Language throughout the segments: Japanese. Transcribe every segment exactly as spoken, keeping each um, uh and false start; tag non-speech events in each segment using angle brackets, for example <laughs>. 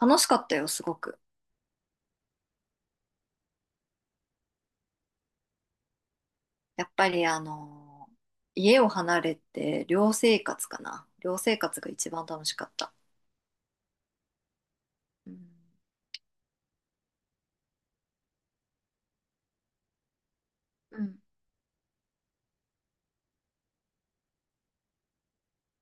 楽しかったよ、すごく。やっぱりあのー家を離れて寮生活かな。寮生活が一番楽しかった。うん、うん、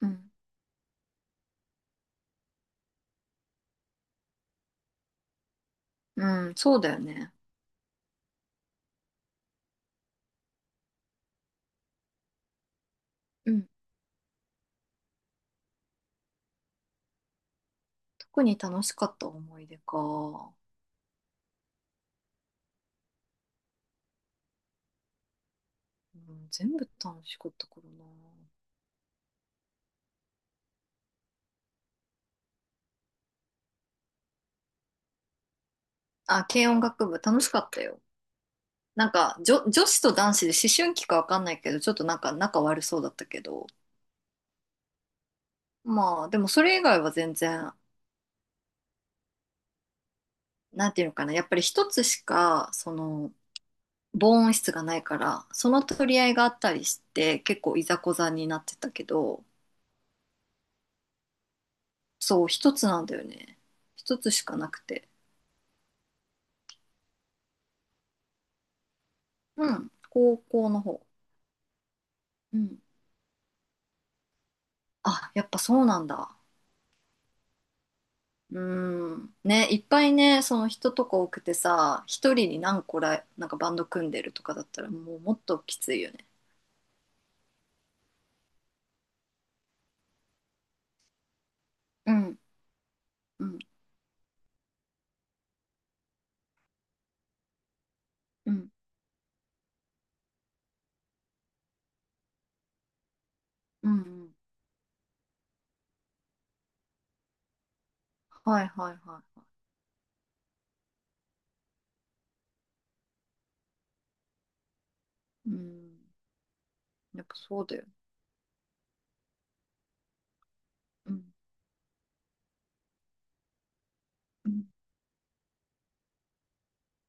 うん、うん、そうだよね。うん。特に楽しかった思い出か。うん、全部楽しかったからな。あ、軽音楽部楽しかったよ。なんか、女、女子と男子で思春期かわかんないけど、ちょっとなんか仲悪そうだったけど。まあ、でもそれ以外は全然、なんていうのかな。やっぱり一つしか、その、防音室がないからその取り合いがあったりして結構いざこざになってたけど、そう一つなんだよね。一つしかなくて。うん、高校の方。うん、あやっぱそうなんだ。うんね、いっぱいね、その人とか多くてさ、一人に何個ら、なんかバンド組んでるとかだったらもうもっときついよね。うん、うん、うん、うん、うん、はいはいはいはい。うん、やっぱそうだよね。うん、うん、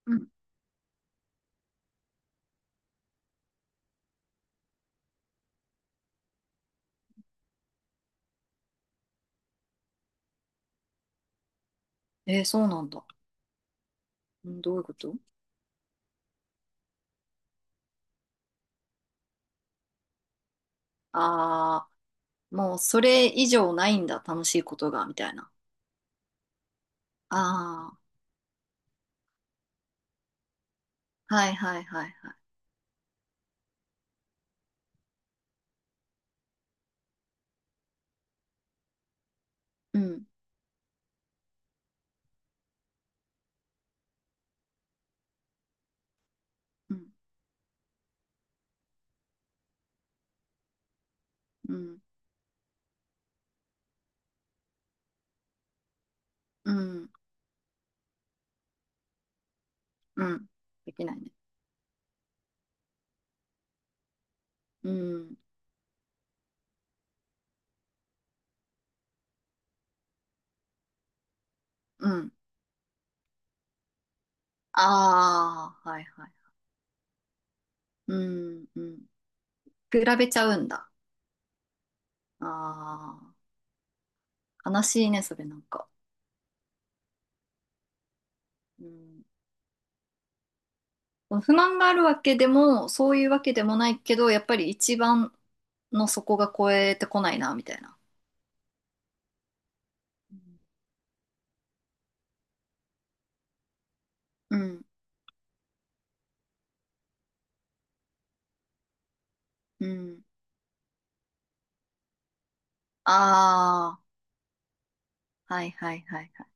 うん、えーそうなんだ。うん、どういうこと。ああ、もうそれ以上ないんだ、楽しいことが、みたいな。ああ、はいはいはいはい。うん、うん、うん、うん、うん。できないね。うん、うん。ああ、はいはい。うん、うん。比べちゃうんだ。ああ、悲しいね、それなんか。うん。不満があるわけでも、そういうわけでもないけど、やっぱり一番の底が超えてこないな、みたいな。うん、うん。あ、はいはいはいはい。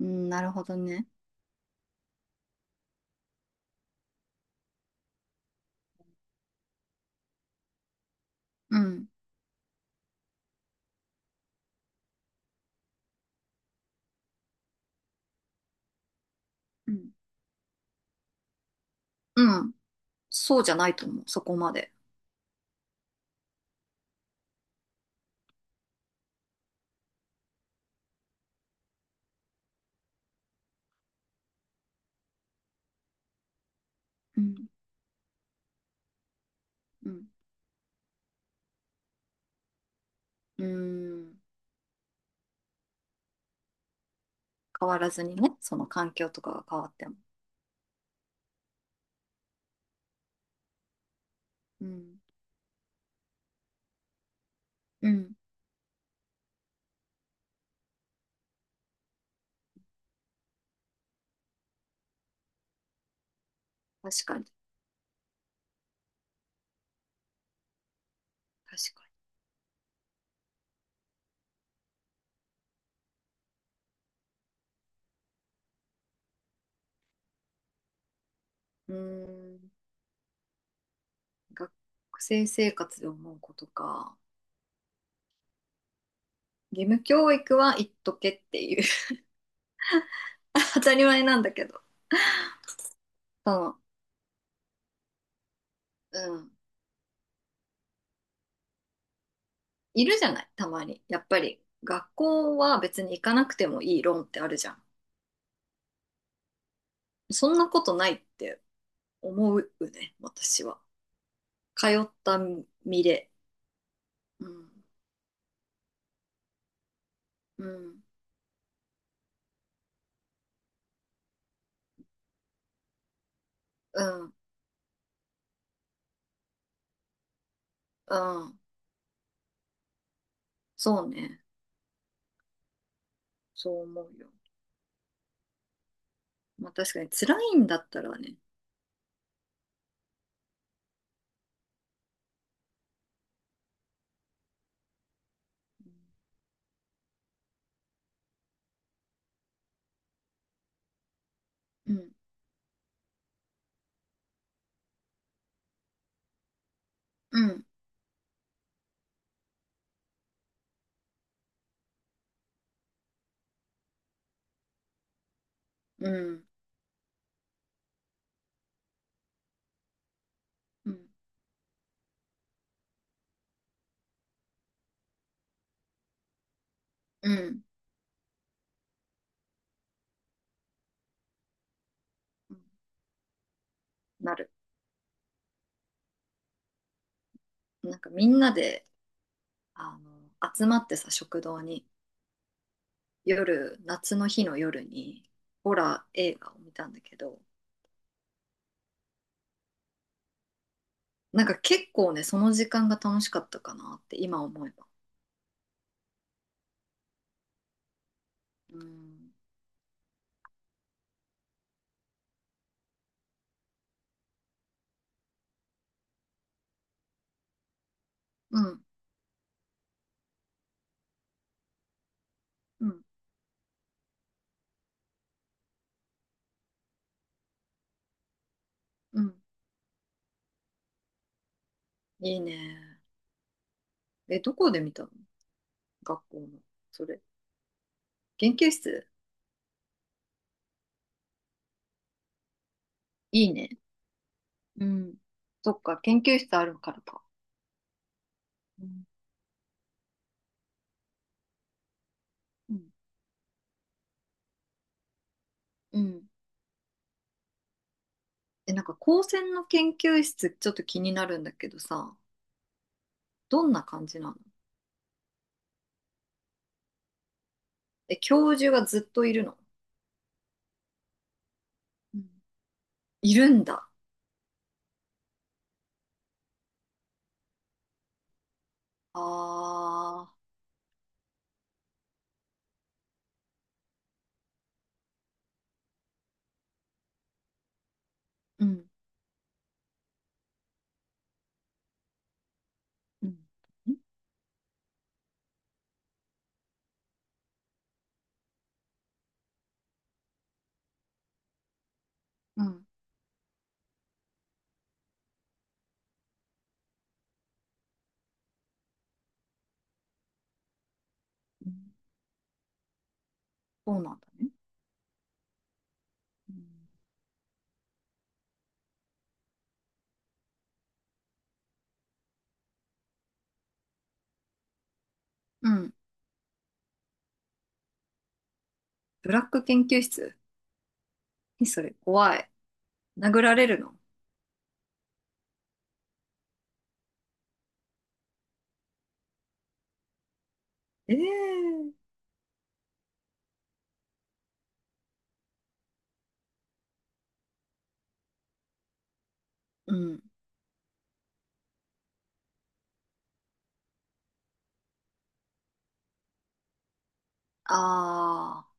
うん、なるほどね。うん。うん。うん。そうじゃないと思う。そこまで。うん。うん。うん。変わらずにね。その環境とかが変わっても。うん。うん。確かに。確かに。うん。学生生活で思うことか。義務教育は言っとけっていう。 <laughs> 当たり前なんだけど。その、うん。いるじゃない。たまに。やっぱり。学校は別に行かなくてもいい論ってあるじゃん。そんなことないって思うね、私は。通った身で。うん、うん、うん、うん。そうね。そう思うよ。まあ確かに辛いんだったらね。うん、うん、うん、うん、うん、うん、なる。なんかみんなで、あの、集まってさ、食堂に、夜、夏の日の夜に、ホラー映画を見たんだけど、なんか結構ね、その時間が楽しかったかなって今思えば。うん、うん、うん、うん。いいね。え、どこで見たの。学校の。それ。研究室。いいね。うん。そっか、研究室あるからか。うん。うん。うん、え、なんか高専の研究室ちょっと気になるんだけどさ、どんな感じなの。え、教授がずっといるの。うん、いるんだ。ああ、うん、うん、うん、うん、そうなんだね。うん、うん。ブラック研究室。え、それ怖い。殴られるの。ええー。うん。ああ、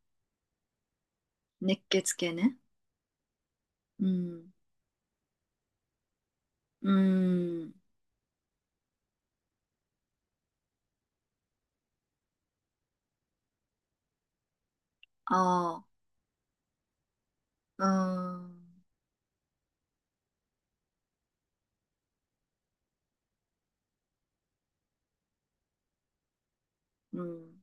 熱血系ね。うん。うん。ああ、うん。うん。